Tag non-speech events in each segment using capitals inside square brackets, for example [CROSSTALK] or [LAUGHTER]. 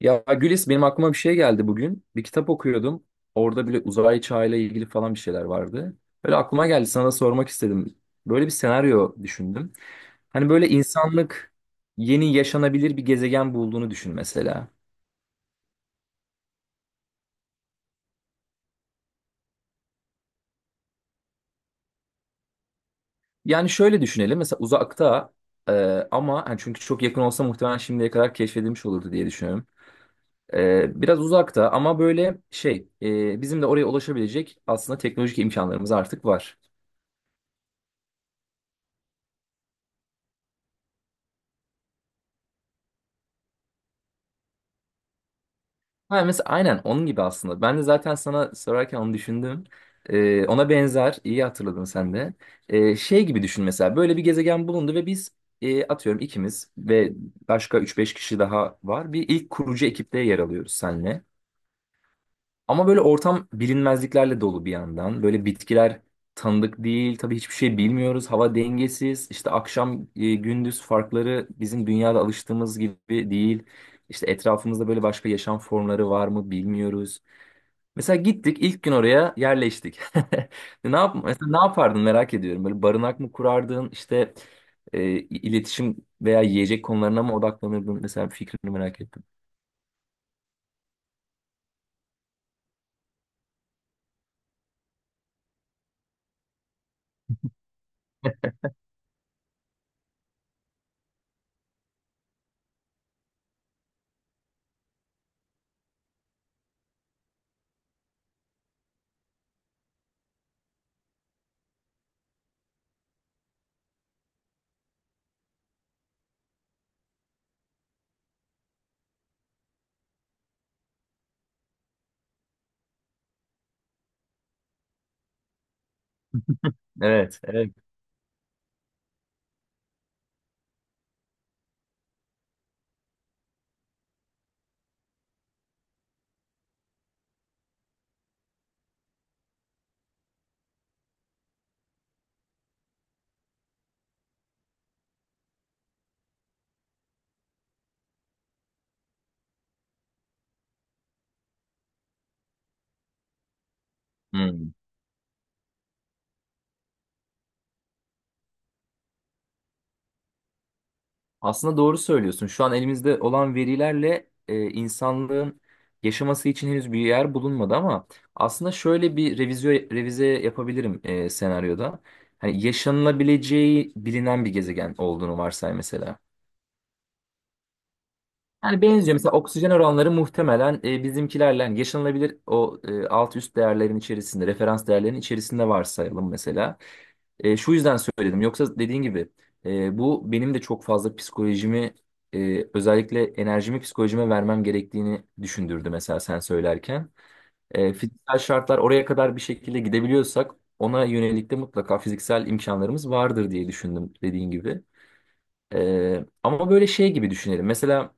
Ya Gülis benim aklıma bir şey geldi bugün. Bir kitap okuyordum. Orada bile uzay çağıyla ilgili falan bir şeyler vardı. Böyle aklıma geldi sana da sormak istedim. Böyle bir senaryo düşündüm. Hani böyle insanlık yeni yaşanabilir bir gezegen bulduğunu düşün mesela. Yani şöyle düşünelim mesela uzakta e, ama hani çünkü çok yakın olsa muhtemelen şimdiye kadar keşfedilmiş olurdu diye düşünüyorum. Biraz uzakta ama böyle şey bizim de oraya ulaşabilecek aslında teknolojik imkanlarımız artık var. Ha, mesela aynen onun gibi aslında. Ben de zaten sana sorarken onu düşündüm. Ona benzer, iyi hatırladın sen de. Şey gibi düşün mesela böyle bir gezegen bulundu ve biz atıyorum ikimiz ve başka üç beş kişi daha var. Bir ilk kurucu ekipte yer alıyoruz senle. Ama böyle ortam bilinmezliklerle dolu bir yandan. Böyle bitkiler tanıdık değil. Tabii hiçbir şey bilmiyoruz. Hava dengesiz. İşte akşam gündüz farkları bizim dünyada alıştığımız gibi değil. İşte etrafımızda böyle başka yaşam formları var mı bilmiyoruz. Mesela gittik ilk gün oraya yerleştik. [LAUGHS] Ne yap mesela ne yapardın merak ediyorum. Böyle barınak mı kurardın? İşte e, iletişim veya yiyecek konularına mı odaklanırdın? Mesela fikrini merak ettim. Evet, evet. Hmm. Aslında doğru söylüyorsun. Şu an elimizde olan verilerle insanlığın yaşaması için henüz bir yer bulunmadı ama aslında şöyle bir revize yapabilirim senaryoda. Hani yaşanılabileceği bilinen bir gezegen olduğunu varsay mesela. Yani benziyor. Mesela oksijen oranları muhtemelen bizimkilerle yani yaşanılabilir o alt üst değerlerin içerisinde, referans değerlerin içerisinde varsayalım mesela. Şu yüzden söyledim. Yoksa dediğin gibi bu benim de çok fazla psikolojimi özellikle enerjimi psikolojime vermem gerektiğini düşündürdü mesela sen söylerken. Fiziksel şartlar oraya kadar bir şekilde gidebiliyorsak ona yönelik de mutlaka fiziksel imkanlarımız vardır diye düşündüm dediğin gibi. Ama böyle şey gibi düşünelim. Mesela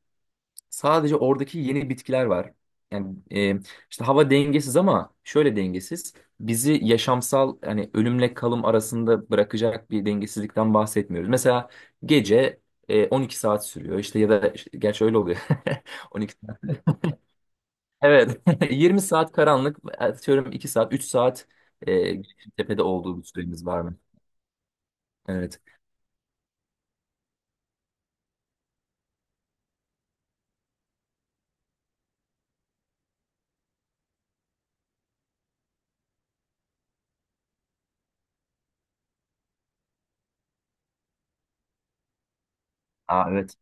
sadece oradaki yeni bitkiler var. Yani işte hava dengesiz ama şöyle dengesiz. Bizi yaşamsal hani ölümle kalım arasında bırakacak bir dengesizlikten bahsetmiyoruz. Mesela gece 12 saat sürüyor işte gerçi öyle oluyor. [LAUGHS] 12 saat. Evet. [LAUGHS] 20 saat karanlık atıyorum 2 saat 3 saat e, tepede olduğu bir süremiz var mı? Evet. Aa, evet.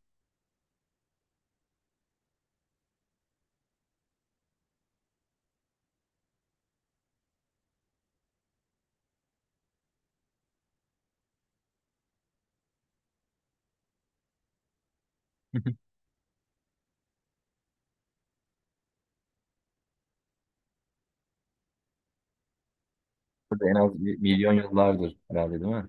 [LAUGHS] Burada en az 1 milyon yıllardır herhalde değil mi?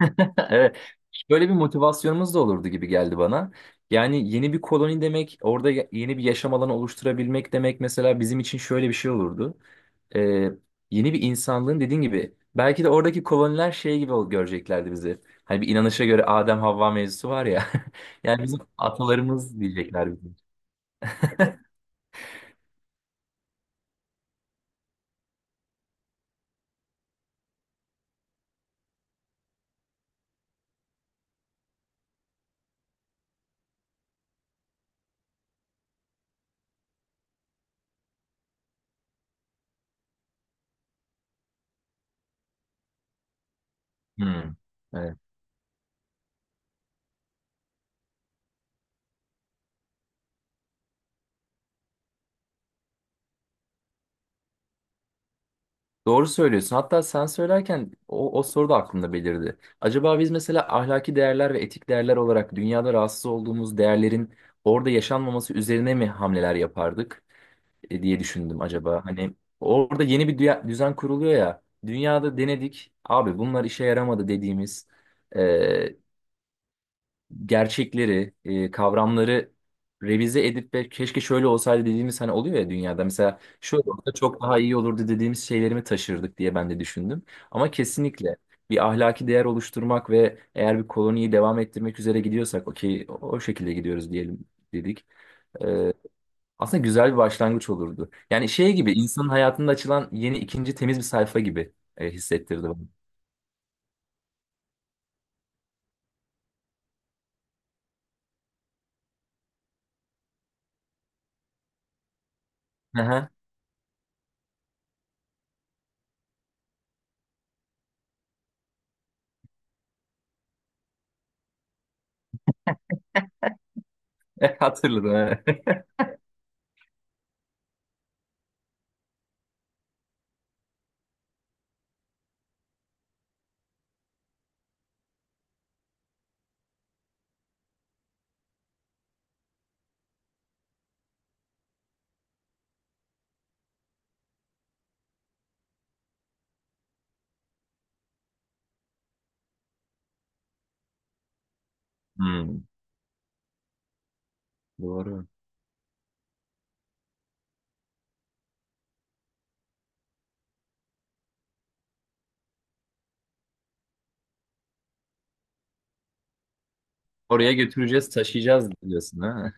[LAUGHS] Evet. Böyle bir motivasyonumuz da olurdu gibi geldi bana. Yani yeni bir koloni demek, orada yeni bir yaşam alanı oluşturabilmek demek mesela bizim için şöyle bir şey olurdu. Ee, Yeni bir insanlığın dediğin gibi belki de oradaki koloniler şey gibi göreceklerdi bizi. Hani bir inanışa göre Adem Havva mevzusu var ya. [LAUGHS] Yani bizim atalarımız diyecekler bizim. Hmm. Evet. Doğru söylüyorsun. Hatta sen söylerken o soru da aklımda belirdi. Acaba biz mesela ahlaki değerler ve etik değerler olarak dünyada rahatsız olduğumuz değerlerin orada yaşanmaması üzerine mi hamleler yapardık diye düşündüm acaba. Hani orada yeni bir düzen kuruluyor ya. Dünyada denedik. Abi bunlar işe yaramadı dediğimiz e, gerçekleri, kavramları revize edip ve keşke şöyle olsaydı dediğimiz hani oluyor ya dünyada. Mesela şöyle olsa çok daha iyi olurdu dediğimiz şeylerimi taşırdık diye ben de düşündüm. Ama kesinlikle bir ahlaki değer oluşturmak ve eğer bir koloniyi devam ettirmek üzere gidiyorsak okey o şekilde gidiyoruz diyelim dedik. E, Aslında güzel bir başlangıç olurdu. Yani şey gibi insanın hayatında açılan yeni ikinci temiz bir sayfa gibi hissettirdi bana. Aha, [LAUGHS] hatırladım. Evet. [LAUGHS] Hmm, doğru. Oraya götüreceğiz, taşıyacağız diyorsun ha.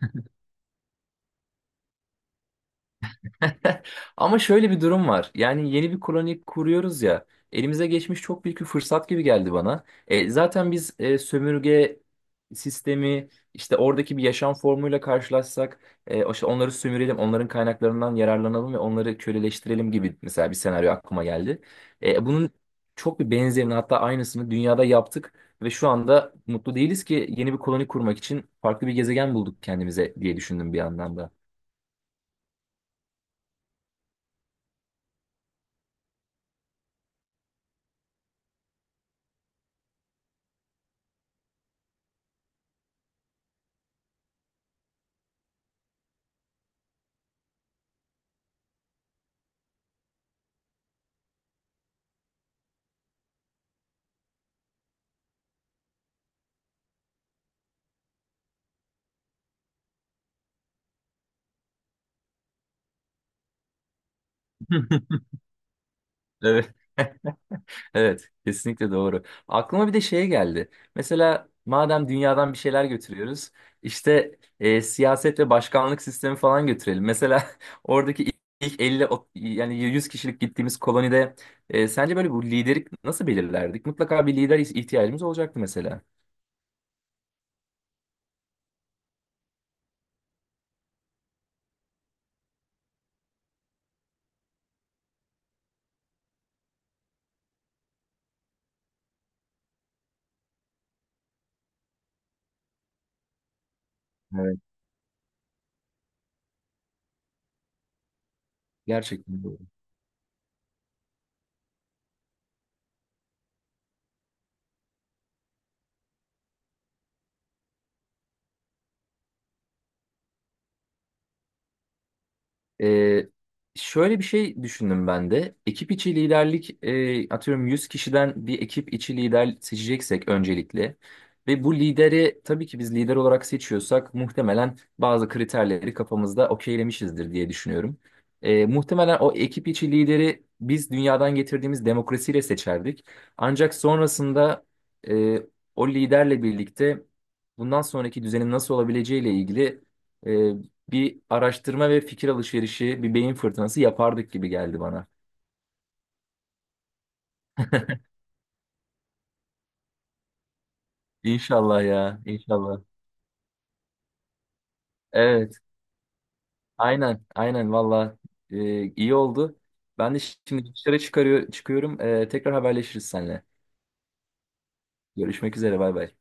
[LAUGHS] Ama şöyle bir durum var. Yani yeni bir koloni kuruyoruz ya. Elimize geçmiş çok büyük bir fırsat gibi geldi bana. Zaten biz sömürge sistemi işte oradaki bir yaşam formuyla karşılaşsak işte onları sömürelim, onların kaynaklarından yararlanalım ve onları köleleştirelim gibi mesela bir senaryo aklıma geldi. Bunun çok bir benzerini hatta aynısını dünyada yaptık ve şu anda mutlu değiliz ki yeni bir koloni kurmak için farklı bir gezegen bulduk kendimize diye düşündüm bir yandan da. [LAUGHS] Evet. [LAUGHS] Evet, kesinlikle doğru. Aklıma bir de şey geldi. Mesela madem dünyadan bir şeyler götürüyoruz, işte siyaset ve başkanlık sistemi falan götürelim. Mesela [LAUGHS] oradaki ilk 50 yani 100 kişilik gittiğimiz kolonide sence böyle bu lideri nasıl belirlerdik? Mutlaka bir lider ihtiyacımız olacaktı mesela. Evet. Gerçekten. Ee, Şöyle bir şey düşündüm ben de. Ekip içi liderlik, atıyorum 100 kişiden bir ekip içi lider seçeceksek öncelikle ve bu lideri tabii ki biz lider olarak seçiyorsak muhtemelen bazı kriterleri kafamızda okeylemişizdir diye düşünüyorum. Muhtemelen o ekip içi lideri biz dünyadan getirdiğimiz demokrasiyle seçerdik. Ancak sonrasında e, o liderle birlikte bundan sonraki düzenin nasıl olabileceğiyle ilgili bir araştırma ve fikir alışverişi, bir beyin fırtınası yapardık gibi geldi bana. İnşallah ya, inşallah. Evet, aynen, aynen valla iyi oldu. Ben de şimdi dışarı çıkıyorum. Tekrar haberleşiriz seninle. Görüşmek üzere, bay bay.